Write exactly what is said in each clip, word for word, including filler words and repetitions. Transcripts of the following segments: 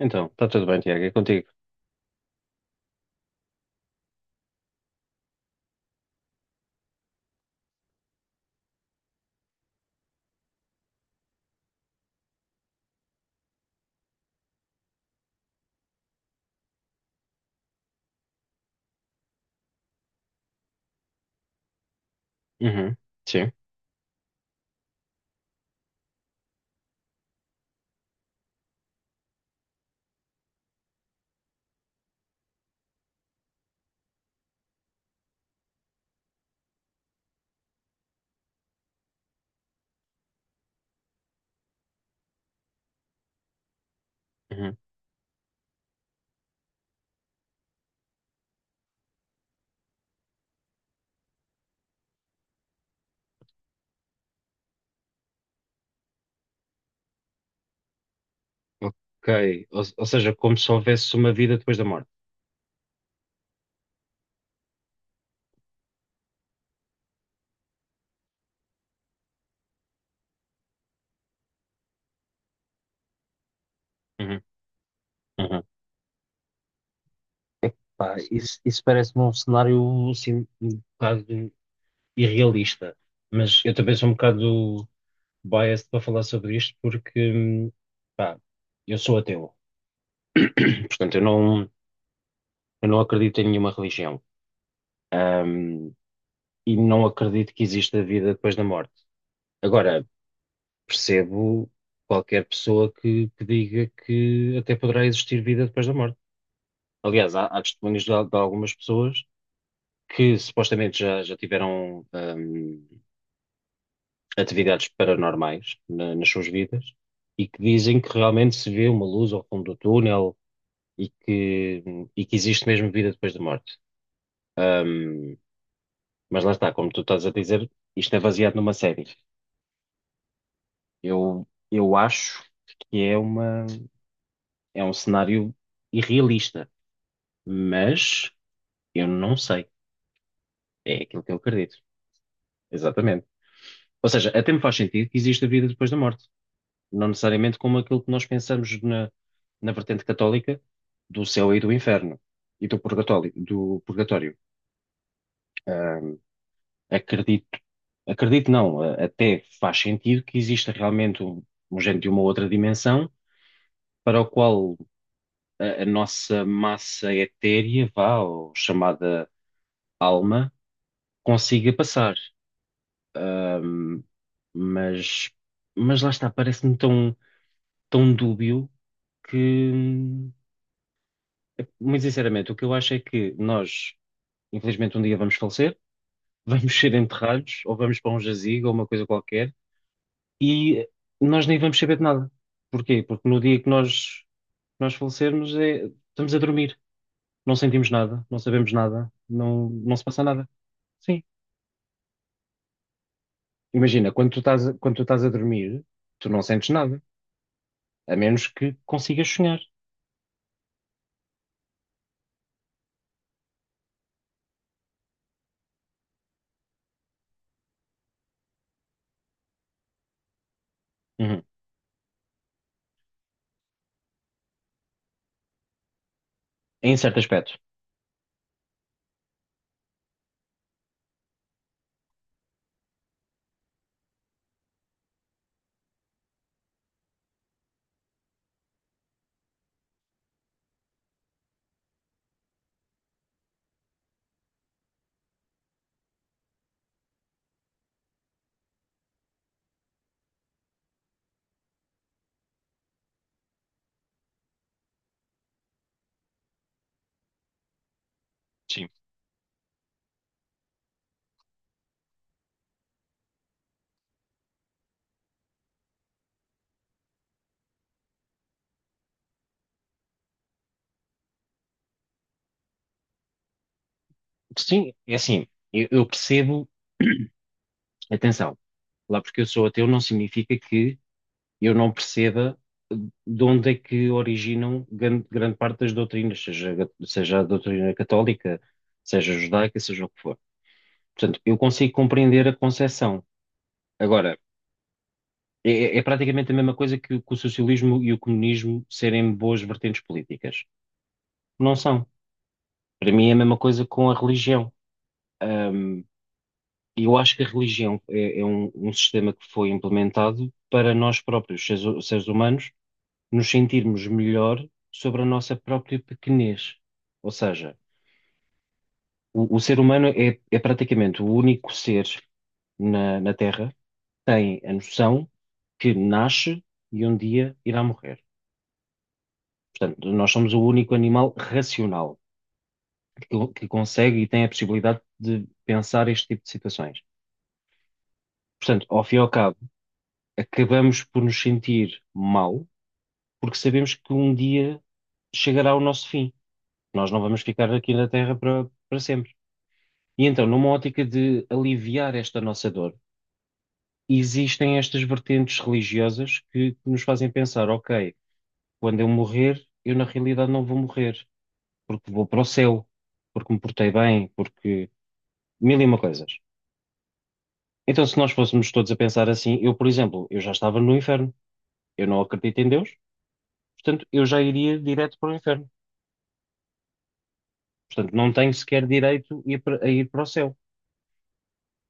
Então, está tudo bem, Tiago, é contigo. Uhum. Sim. Uhum. Ok. Ou, ou seja, como se houvesse uma vida depois da morte. Uhum. Uhum. Pá, isso, isso parece-me um cenário assim, um bocado irrealista. Mas eu também sou um bocado biased para falar sobre isto porque, pá, eu sou ateu. Portanto, eu não, eu não acredito em nenhuma religião. Ahm, e não acredito que exista vida depois da morte. Agora, percebo qualquer pessoa que, que diga que até poderá existir vida depois da morte. Aliás, há, há testemunhos de, al- de algumas pessoas que supostamente já, já tiveram hum, atividades paranormais na- nas suas vidas e que dizem que realmente se vê uma luz ao fundo do túnel e que, e que existe mesmo vida depois da morte. Hum, mas lá está, como tu estás a dizer, isto é baseado numa série. Eu, eu acho que é uma, é um cenário irrealista, mas eu não sei. É aquilo que eu acredito. Exatamente. Ou seja, até me faz sentido que existe a vida depois da morte. Não necessariamente como aquilo que nós pensamos na, na vertente católica do céu e do inferno e do purgatório, do purgatório. Hum, Acredito, acredito não, a- até faz sentido que exista realmente um, um género de uma outra dimensão para o qual a, a nossa massa etérea, vá, ou chamada alma, consiga passar. Ahm, mas, mas lá está, parece-me tão, tão dúbio que, hum, muito sinceramente, o que eu acho é que nós, infelizmente, um dia vamos falecer, vamos ser enterrados, ou vamos para um jazigo, ou uma coisa qualquer, e nós nem vamos saber de nada. Porquê? Porque no dia que nós, nós falecermos, é- estamos a dormir, não sentimos nada, não sabemos nada, não, não se passa nada. Sim. Imagina, quando tu estás, a- quando tu estás a dormir, tu não sentes nada, a menos que consigas sonhar. Uhum. Em certo aspecto. Sim. Sim, é assim, eu, eu percebo, atenção, lá porque eu sou ateu não significa que eu não perceba de onde é que originam grande, grande parte das doutrinas, seja, seja a doutrina católica, seja judaica, seja o que for. Portanto, eu consigo compreender a concepção. Agora, é, é é praticamente a mesma coisa que, o que o socialismo e o comunismo serem boas vertentes políticas. Não são. Para mim é a mesma coisa com a religião. E eu acho que a religião é, é um, um sistema que foi implementado para nós próprios, seres, seres humanos, nos sentirmos melhor sobre a nossa própria pequenez. Ou seja, o, o ser humano é, é praticamente o único ser na, na Terra que tem a noção que nasce e um dia irá morrer. Portanto, nós somos o único animal racional que, que consegue e tem a possibilidade de pensar este tipo de situações. Portanto, ao fim e ao cabo, acabamos por nos sentir mal porque sabemos que um dia chegará o nosso fim. Nós não vamos ficar aqui na Terra para para sempre. E então, numa ótica de aliviar esta nossa dor, existem estas vertentes religiosas que, que nos fazem pensar: ok, quando eu morrer, eu na realidade não vou morrer, porque vou para o céu, porque me portei bem, porque mil e uma coisas. Então, se nós fôssemos todos a pensar assim, eu, por exemplo, eu já estava no inferno, eu não acredito em Deus, portanto, eu já iria direto para o inferno. Portanto, não tenho sequer direito a ir para a ir para o céu.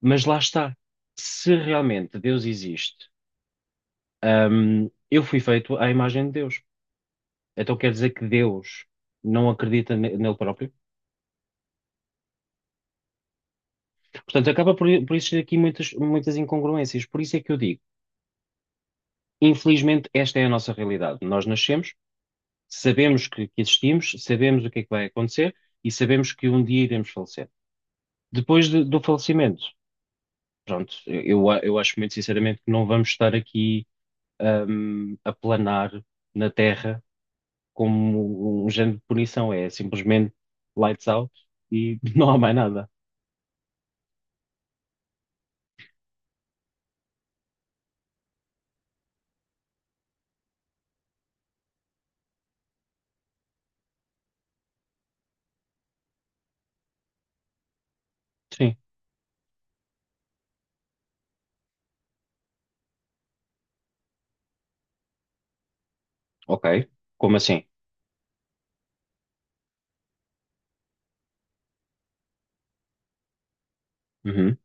Mas lá está. Se realmente Deus existe, hum, eu fui feito à imagem de Deus. Então quer dizer que Deus não acredita ne- nele próprio? Portanto, acaba por, por existir aqui muitas, muitas incongruências. Por isso é que eu digo, infelizmente, esta é a nossa realidade. Nós nascemos, sabemos que, que existimos, sabemos o que é que vai acontecer e sabemos que um dia iremos falecer. Depois de- do falecimento, pronto, eu, a- eu acho muito sinceramente que não vamos estar aqui, hum, a planar na Terra como um género de punição, é simplesmente lights out e não há mais nada. Sim, ok. Como assim? Uhum,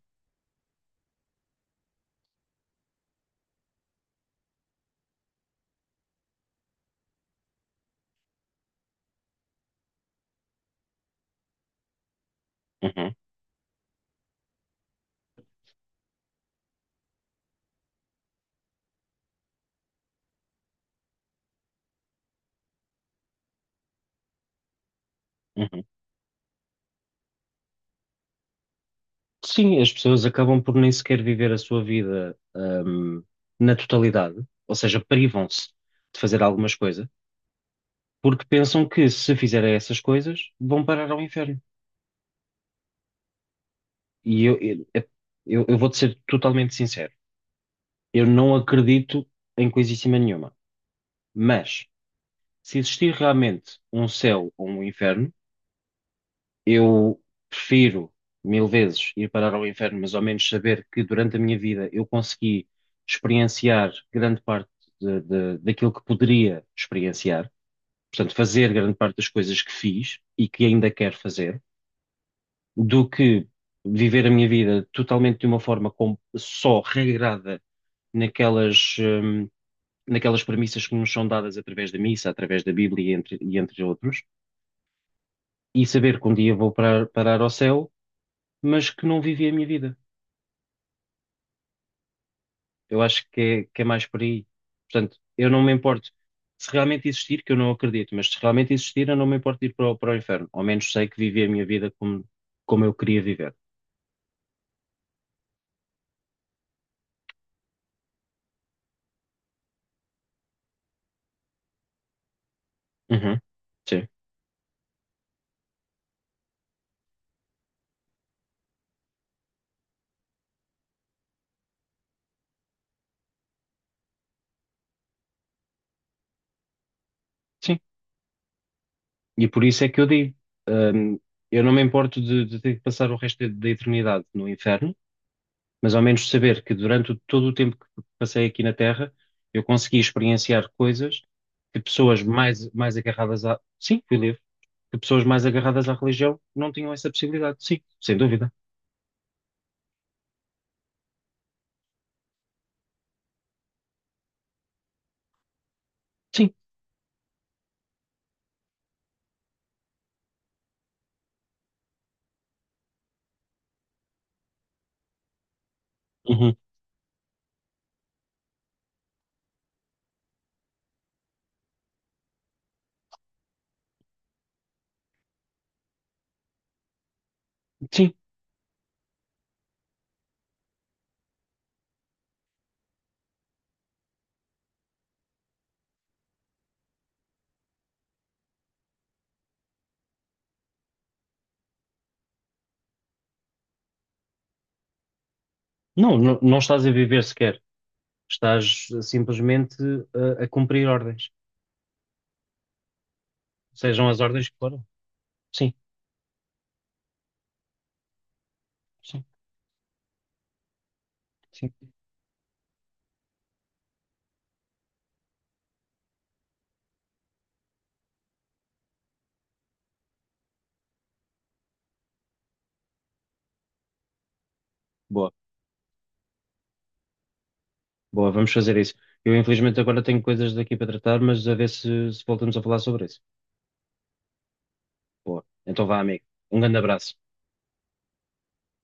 uhum, uhum. Sim, as pessoas acabam por nem sequer viver a sua vida, ahm, na totalidade, ou seja, privam-se de fazer algumas coisas, porque pensam que se fizerem essas coisas vão parar ao inferno. E eu, eu, é, eu, eu vou-te ser totalmente sincero, eu não acredito em coisíssima nenhuma, mas se existir realmente um céu ou um inferno, eu prefiro mil vezes ir parar ao inferno, mas ao menos saber que durante a minha vida eu consegui experienciar grande parte de- de- daquilo que poderia experienciar, portanto, fazer grande parte das coisas que fiz e que ainda quero fazer, do que viver a minha vida totalmente de uma forma com- só regrada naquelas, hum, naquelas premissas que nos são dadas através da missa, através da Bíblia e entre, e entre outros, e saber que um dia vou parar, parar ao céu, mas que não vivi a minha vida. Eu acho que é, que é mais por aí. Portanto, eu não me importo. Se realmente existir, que eu não acredito, mas se realmente existir, eu não me importo de ir para o, para o inferno. Ao menos sei que vivi a minha vida como, como eu queria viver. Uhum. Sim. Sim. E por isso é que eu digo, hum, eu não me importo de, de ter que passar o resto da da eternidade no inferno, mas ao menos saber que durante o- todo o tempo que passei aqui na Terra, eu consegui experienciar coisas que pessoas mais, mais agarradas à. Sim, fui livre. Que pessoas mais agarradas à religião não tinham essa possibilidade. Sim, sem dúvida. Sim. Uhum. Sim. Não, não, não estás a viver sequer. Estás uh, simplesmente uh, a cumprir ordens. Sejam as ordens que forem. Sim, sim, sim. Boa, boa, vamos fazer isso. Eu, infelizmente, agora tenho coisas daqui para tratar, mas a ver se se voltamos a falar sobre isso. Boa. Então vá, amigo. Um grande abraço.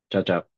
Tchau, tchau.